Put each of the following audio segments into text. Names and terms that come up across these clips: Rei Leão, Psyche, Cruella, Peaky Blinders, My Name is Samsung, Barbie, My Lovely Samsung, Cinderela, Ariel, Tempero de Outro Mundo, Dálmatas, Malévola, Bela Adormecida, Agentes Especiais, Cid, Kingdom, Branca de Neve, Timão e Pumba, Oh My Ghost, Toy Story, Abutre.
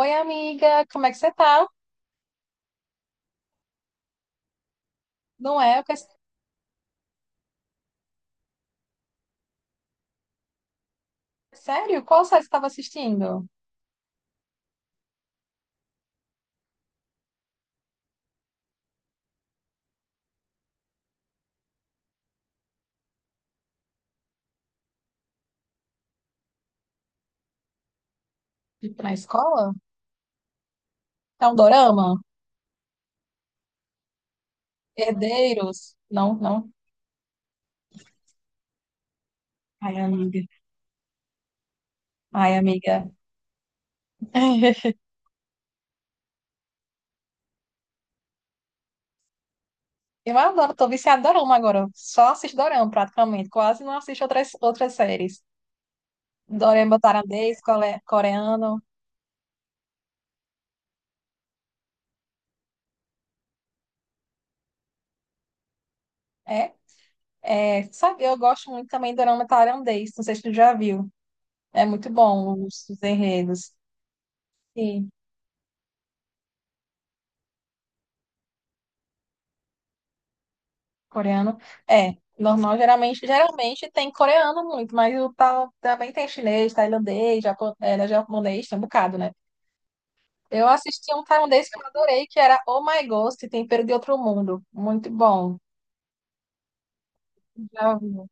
Oi, amiga, como é que você tá? Não é? Eu pensei. Sério? Qual série você estava assistindo? Tipo, na escola? É um dorama? Herdeiros? Não, não. Ai, amiga. Ai, amiga. Eu adoro, tô viciada em dorama agora. Só assisto dorama, praticamente. Quase não assisto outras séries. Dorama tailandês, coreano. É, sabe, eu gosto muito também de dorama tailandês. Não sei se tu já viu. É muito bom os enredos. Coreano. É, normal, geralmente tem coreano muito, mas o tal também tem chinês, tailandês, é, né, japonês, tem um bocado, né? Eu assisti um tailandês que eu adorei, que era Oh My Ghost, Tempero de Outro Mundo. Muito bom. Já viu?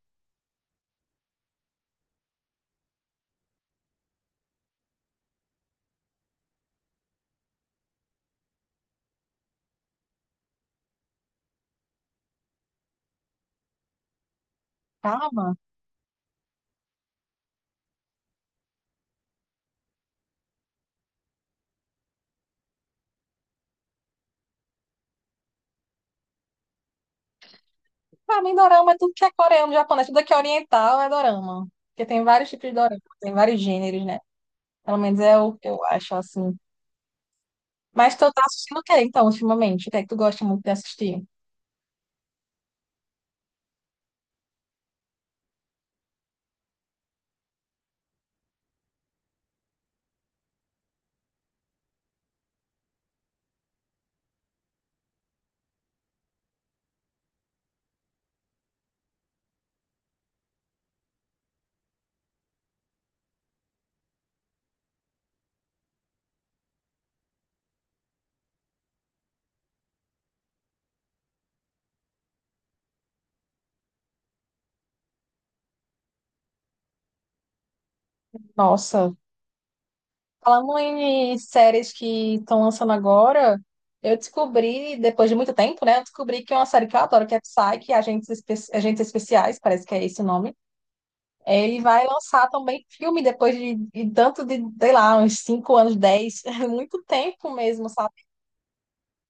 Calma. Pra mim, dorama é tudo que é coreano, japonês, tudo que é oriental é dorama. Porque tem vários tipos de dorama, tem vários gêneros, né? Pelo menos é o que eu acho, assim. Mas tu tá assistindo o que, então, ultimamente? O que é que tu gosta muito de assistir? Nossa. Falando em séries que estão lançando agora, eu descobri, depois de muito tempo, né? Eu descobri que é uma série que eu adoro, que é Psyche, Agentes, Agentes Especiais, parece que é esse o nome. É, ele vai lançar também filme depois de tanto de, sei lá, uns 5 anos, dez, muito tempo mesmo, sabe?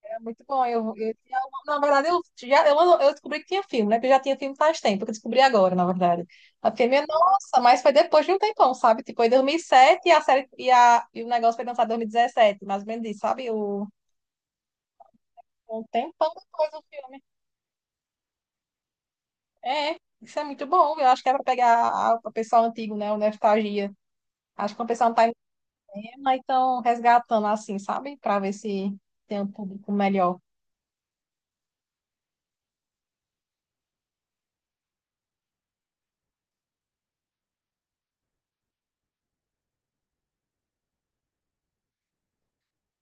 É muito bom. Na verdade, eu descobri que tinha filme, né? Porque já tinha filme faz tempo, que eu descobri agora, na verdade. Eu filme é, nossa, mas foi depois de um tempão, sabe? Tipo, foi em dois mil e, sete e, a série, e, a, e o negócio foi lançado em 2017, mais ou menos isso, sabe? O, um tempão depois do filme. É, isso é muito bom. Eu acho que é para pegar o pessoal antigo, né? O nostalgia. Acho que o pessoal não tá em tema, então resgatando assim, sabe? Para ver se tem um público melhor.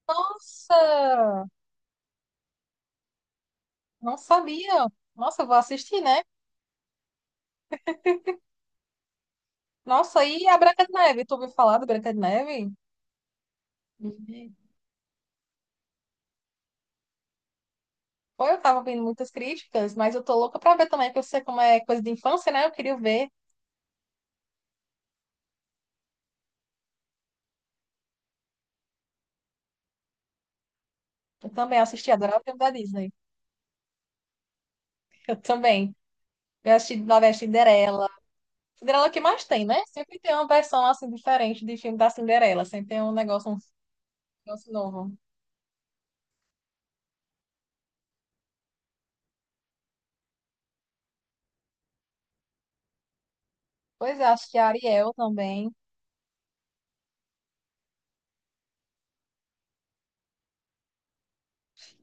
Nossa, não sabia. Nossa, eu vou assistir, né? Nossa, e a Branca de Neve? Tu ouviu falar da Branca de Neve? Uhum. Pô, eu tava ouvindo muitas críticas, mas eu tô louca pra ver também, porque eu sei como é coisa de infância, né? Eu queria ver. Eu também assisti, adorava o filme da Disney. Eu também. Eu assisti novela Cinderela. Cinderela é o que mais tem, né? Sempre tem uma versão, assim, diferente de filme da Cinderela. Sempre tem um negócio novo. Pois é, acho que a Ariel também.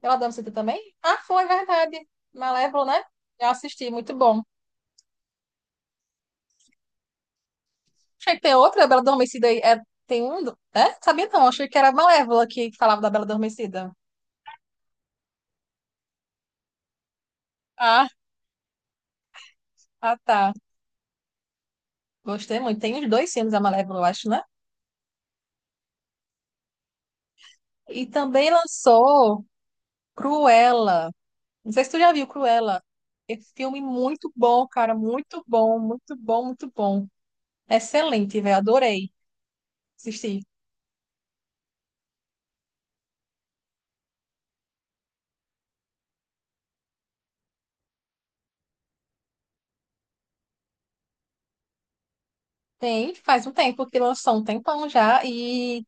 Ela adoro também? Ah, foi, verdade. Malévola, né? Eu assisti, muito bom. Achei que tem outra da Bela Adormecida aí. É, tem um. É? Sabia não. Achei que era a Malévola que falava da Bela Adormecida. Ah, ah, tá. Gostei muito. Tem os dois filmes da Malévola, eu acho, né? E também lançou Cruella. Não sei se tu já viu Cruella. Esse filme muito bom, cara. Muito bom, muito bom, muito bom. Excelente, velho. Adorei assistir. Tem, faz um tempo que lançou, um tempão já. E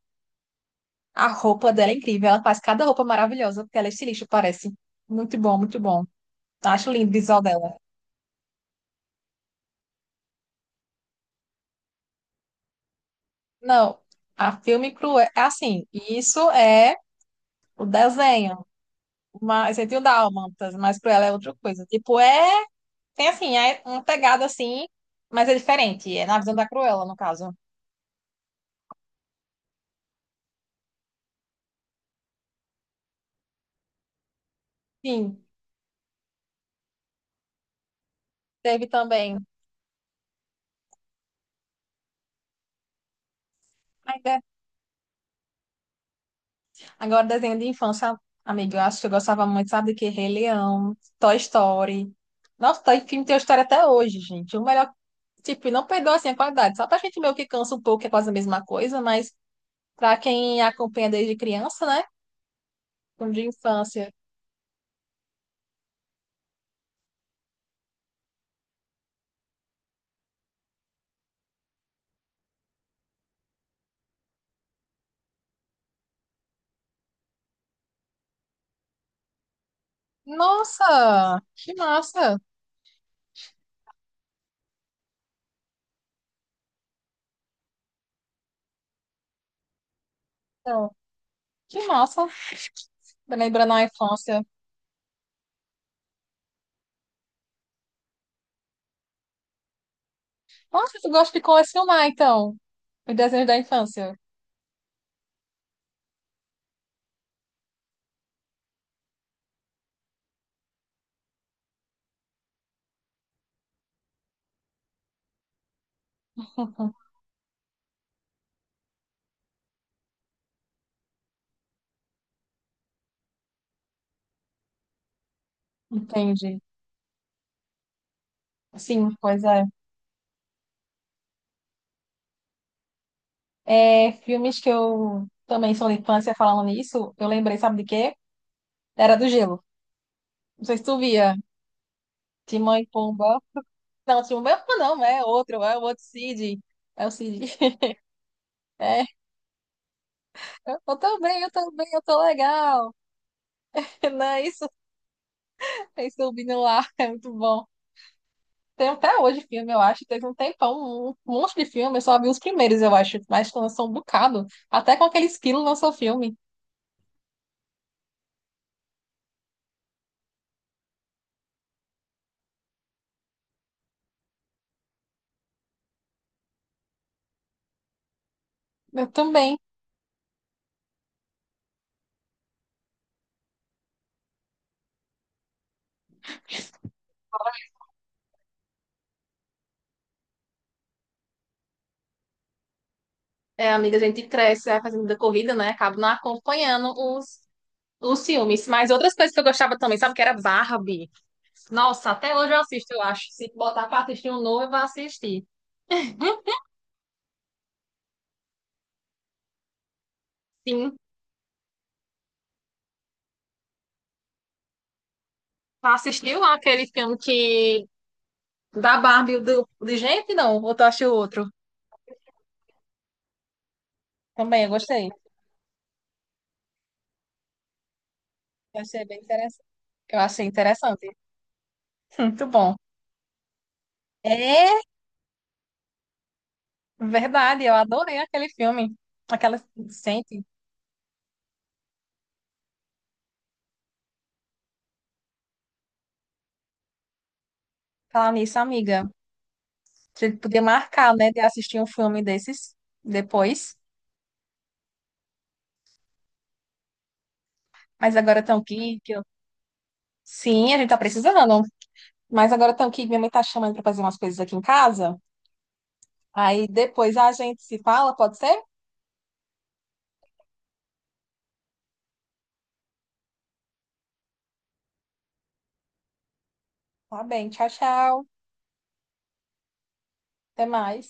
a roupa dela é incrível. Ela faz cada roupa maravilhosa, porque ela é estilista, parece. Muito bom, muito bom. Acho lindo o visual dela. Não, a filme cruel. É assim, isso é o desenho. Mas você tem o Dálmatas, mas cruel é outra coisa. Tipo, é. Tem assim, é uma pegada assim, mas é diferente. É na visão da Cruella, no caso. Sim, teve também. Ai, de- Agora, desenho de infância, amigo, eu acho que eu gostava muito, sabe, do que Rei Leão, Toy Story. Nossa, Toy filme tem história até hoje, gente. O melhor. Tipo, não perdeu assim a qualidade. Só pra gente meio que cansa um pouco, que é quase a mesma coisa, mas. Pra quem acompanha desde criança, né? Como de infância. Nossa, que massa! Então, que massa! Lembrando a infância. Nossa, tu gosta de colecionar, então, os desenhos da infância. Entendi. Sim, pois é. É, filmes que eu também sou da infância falando nisso, eu lembrei, sabe de quê? Era do Gelo. Não sei se tu via. Timão e Pumba. Não, Timão e Pumba não, é outro, é o outro Cid. É o Cid. É, eu também, eu tô legal. Não, isso do Vini lá é muito bom. Tem até hoje filme, eu acho. Teve um tempão, um monte de filme. Eu só vi os primeiros, eu acho. Mas lançou um bocado. Até com aquele esquilo lançou filme. Eu também. É, amiga, a gente cresce, vai fazendo da corrida, né? Acabo não acompanhando os filmes. Mas outras coisas que eu gostava também, sabe? Que era Barbie. Nossa, até hoje eu assisto, eu acho. Se botar pra assistir um novo, eu vou assistir. Sim. Assistiu aquele filme que... Da Barbie, do... de gente, não? Ou tu acha o outro? Também, eu gostei. Eu achei bem interessante. Eu achei interessante. Muito bom. É verdade, eu adorei aquele filme. Aquela sente. Falar nisso, amiga. A gente podia marcar, né, de assistir um filme desses depois. Mas agora estão aqui. Que eu... Sim, a gente tá precisando. Mas agora estão aqui. Minha mãe tá chamando pra fazer umas coisas aqui em casa. Aí depois a gente se fala, pode ser? Tá bem, tchau, tchau. Até mais.